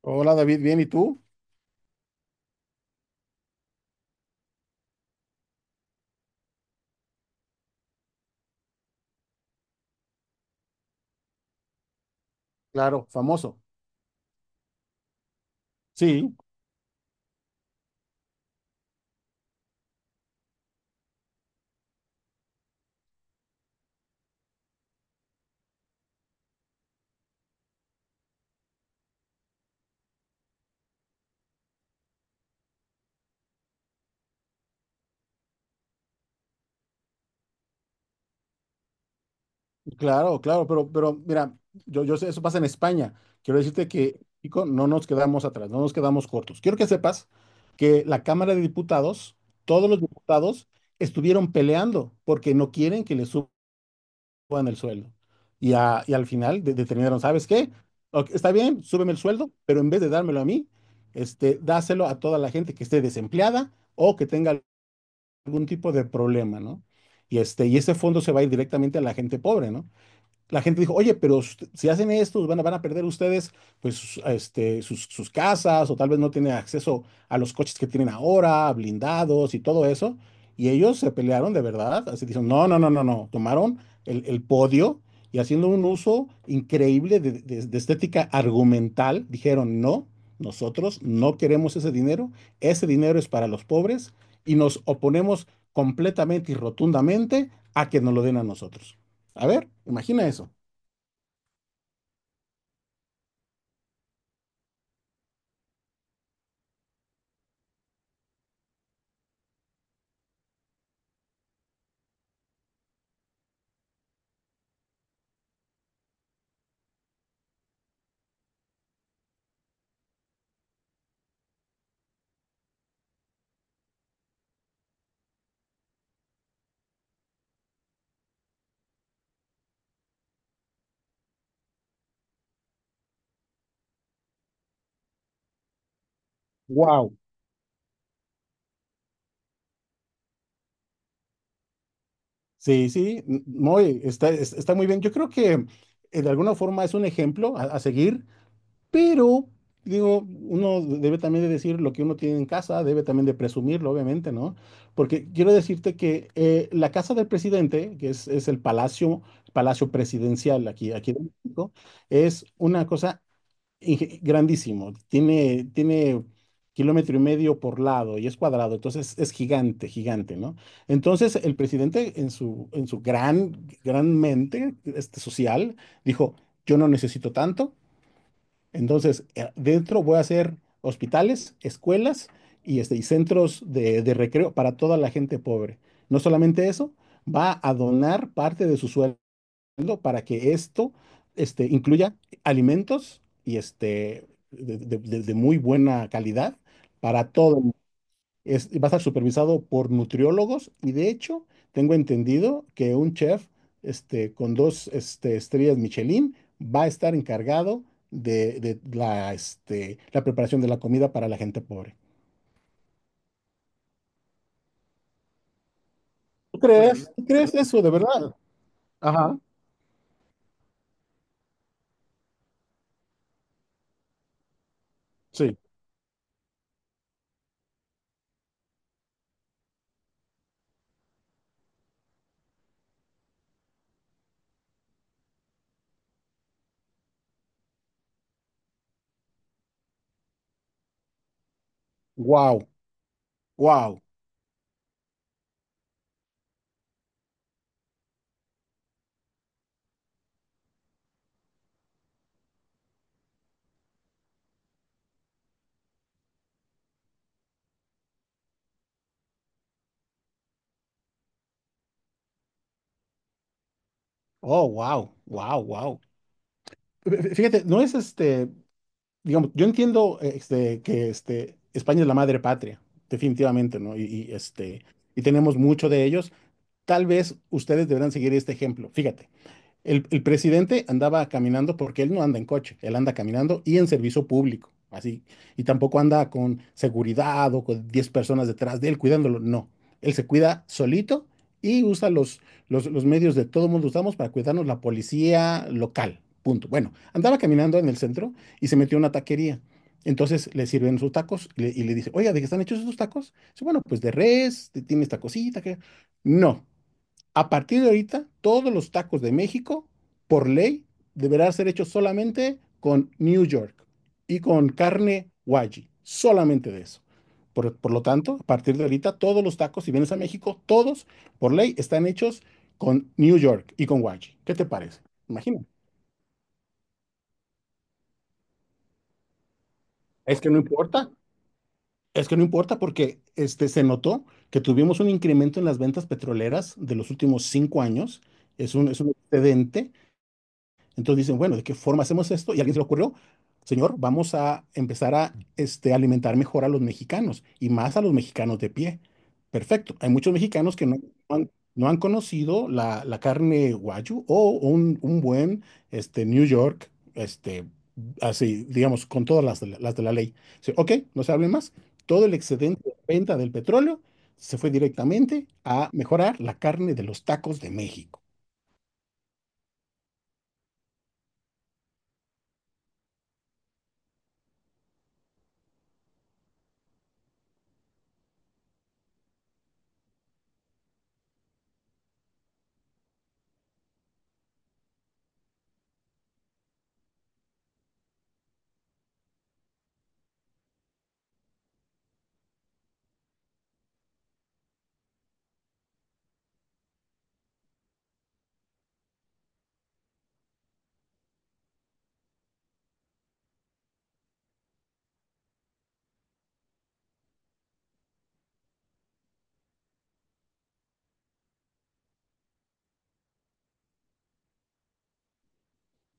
Hola David, bien, ¿y tú? Claro. Famoso. Sí, claro, claro, pero mira, yo sé, eso pasa en España. Quiero decirte que, México no nos quedamos atrás, no nos quedamos cortos. Quiero que sepas que la Cámara de Diputados, todos los diputados estuvieron peleando porque no quieren que le suban el sueldo. Y, y al final determinaron, ¿sabes qué? Ok, está bien, súbeme el sueldo, pero en vez de dármelo a mí, dáselo a toda la gente que esté desempleada o que tenga algún tipo de problema, ¿no? Y y ese fondo se va a ir directamente a la gente pobre, ¿no? La gente dijo, oye, pero si hacen esto, van a perder ustedes pues sus casas o tal vez no tienen acceso a los coches que tienen ahora, blindados y todo eso. Y ellos se pelearon de verdad, así dicen, no, no, no, no, no, tomaron el podio y haciendo un uso increíble de estética argumental, dijeron, no, nosotros no queremos ese dinero es para los pobres y nos oponemos completamente y rotundamente a que nos lo den a nosotros. A ver, imagina eso. Wow, sí, sí, no, está, está muy bien. Yo creo que de alguna forma es un ejemplo a seguir, pero digo, uno debe también de decir lo que uno tiene en casa, debe también de presumirlo, obviamente, ¿no? Porque quiero decirte que la casa del presidente, que es el palacio, palacio presidencial aquí, aquí en México, es una cosa grandísimo. Tiene kilómetro y medio por lado y es cuadrado, entonces es gigante, gigante, ¿no? Entonces el presidente en su gran, gran mente social dijo, yo no necesito tanto, entonces dentro voy a hacer hospitales, escuelas y, y centros de recreo para toda la gente pobre. No solamente eso, va a donar parte de su sueldo para que esto incluya alimentos y de muy buena calidad para todo el mundo. Va a estar supervisado por nutriólogos y de hecho tengo entendido que un chef con dos estrellas Michelin va a estar encargado de la preparación de la comida para la gente pobre. ¿Tú crees? ¿Tú crees eso de verdad? Ajá. Wow, wow. Oh, wow, wow, wow. Fíjate, no es digamos, yo entiendo que España es la madre patria, definitivamente, ¿no? Y tenemos mucho de ellos. Tal vez ustedes deberán seguir este ejemplo. Fíjate. El presidente andaba caminando porque él no anda en coche, él anda caminando y en servicio público, así. Y tampoco anda con seguridad o con 10 personas detrás de él cuidándolo, no. Él se cuida solito y usa los medios de todo mundo usamos para cuidarnos la policía local, punto. Bueno, andaba caminando en el centro y se metió a una taquería. Entonces le sirven sus tacos y le dice, oiga, ¿de qué están hechos esos tacos? Dice, bueno, pues de res, tiene esta cosita que. No, a partir de ahorita, todos los tacos de México, por ley, deberán ser hechos solamente con New York y con carne wagyu, solamente de eso. Por lo tanto, a partir de ahorita, todos los tacos, si vienes a México, todos, por ley, están hechos con New York y con wagyu. ¿Qué te parece? Imagina. Es que no importa. Es que no importa porque se notó que tuvimos un incremento en las ventas petroleras de los últimos 5 años. Es un excedente. Entonces dicen, bueno, ¿de qué forma hacemos esto? Y a alguien se le ocurrió, señor, vamos a empezar a alimentar mejor a los mexicanos y más a los mexicanos de pie. Perfecto. Hay muchos mexicanos que no han conocido la carne guayu o un buen New York, así, digamos, con todas las de la ley. Dice, ok, no se hable más. Todo el excedente de venta del petróleo se fue directamente a mejorar la carne de los tacos de México.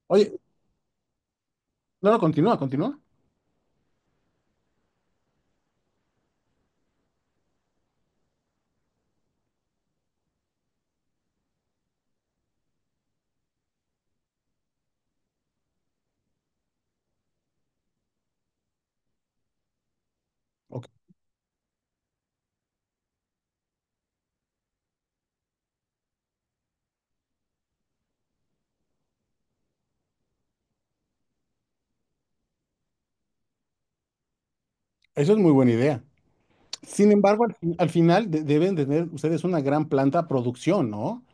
Oye, no, no, continúa, continúa. Eso es muy buena idea. Sin embargo, al final deben tener ustedes una gran planta producción, ¿no?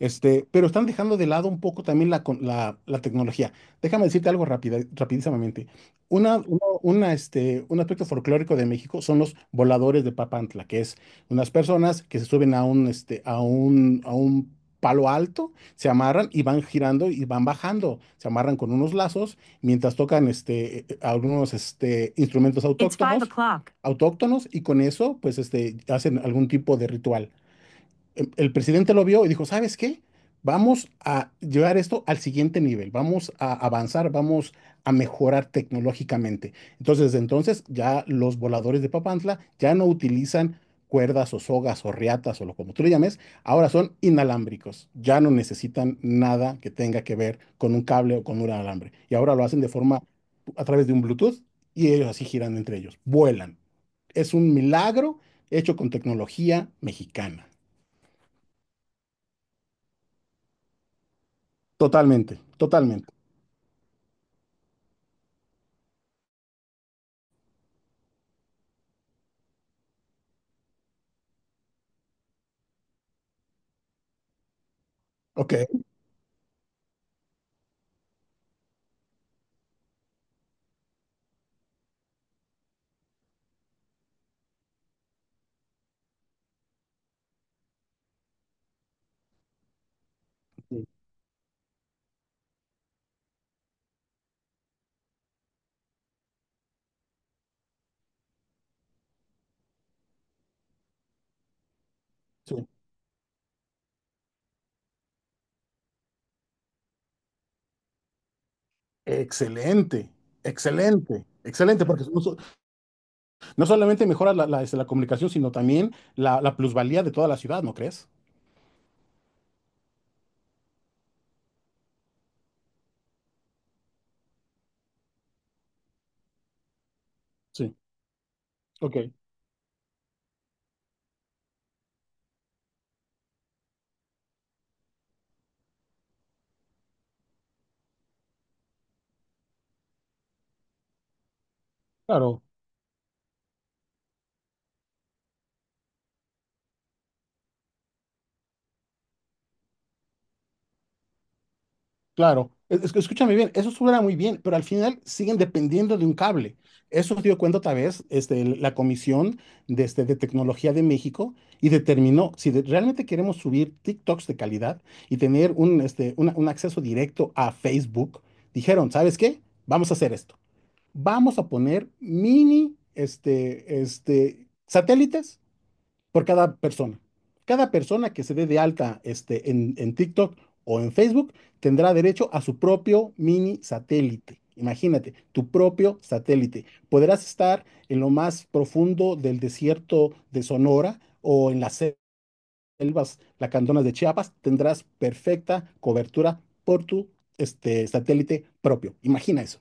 Pero están dejando de lado un poco también la tecnología. Déjame decirte algo rapidísimamente. Un aspecto folclórico de México son los voladores de Papantla, que es unas personas que se suben a un, este, a un palo alto, se amarran y van girando y van bajando. Se amarran con unos lazos mientras tocan algunos instrumentos It's five autóctonos, o'clock autóctonos y con eso pues hacen algún tipo de ritual. El presidente lo vio y dijo, ¿sabes qué? Vamos a llevar esto al siguiente nivel, vamos a avanzar, vamos a mejorar tecnológicamente. Entonces, desde entonces ya los voladores de Papantla ya no utilizan cuerdas o sogas o riatas o lo como tú le llames, ahora son inalámbricos, ya no necesitan nada que tenga que ver con un cable o con un alambre. Y ahora lo hacen de forma a través de un Bluetooth y ellos así giran entre ellos, vuelan. Es un milagro hecho con tecnología mexicana. Totalmente, totalmente. Ok. Sí. Sí. Excelente, excelente, excelente, porque no, no solamente mejora la comunicación, sino también la plusvalía de toda la ciudad, ¿no crees? Sí, ok, claro. Claro, es que escúchame bien, eso suena muy bien, pero al final siguen dependiendo de un cable. Eso se dio cuenta otra vez la Comisión de Tecnología de México y determinó si realmente queremos subir TikToks de calidad y tener un acceso directo a Facebook, dijeron, ¿sabes qué? Vamos a hacer esto. Vamos a poner mini satélites por cada persona. Cada persona que se dé de alta en TikTok o en Facebook tendrá derecho a su propio mini satélite. Imagínate, tu propio satélite. Podrás estar en lo más profundo del desierto de Sonora o en las selvas lacandonas de Chiapas. Tendrás perfecta cobertura por tu satélite propio. Imagina eso.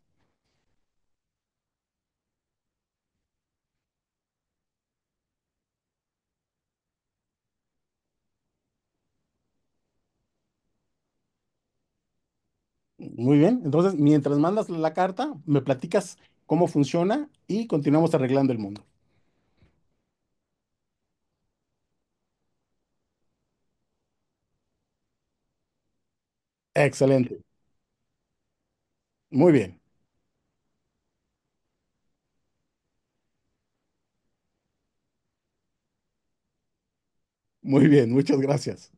Muy bien. Entonces, mientras mandas la carta, me platicas cómo funciona y continuamos arreglando el mundo. Excelente. Muy bien, muy bien. Muchas gracias.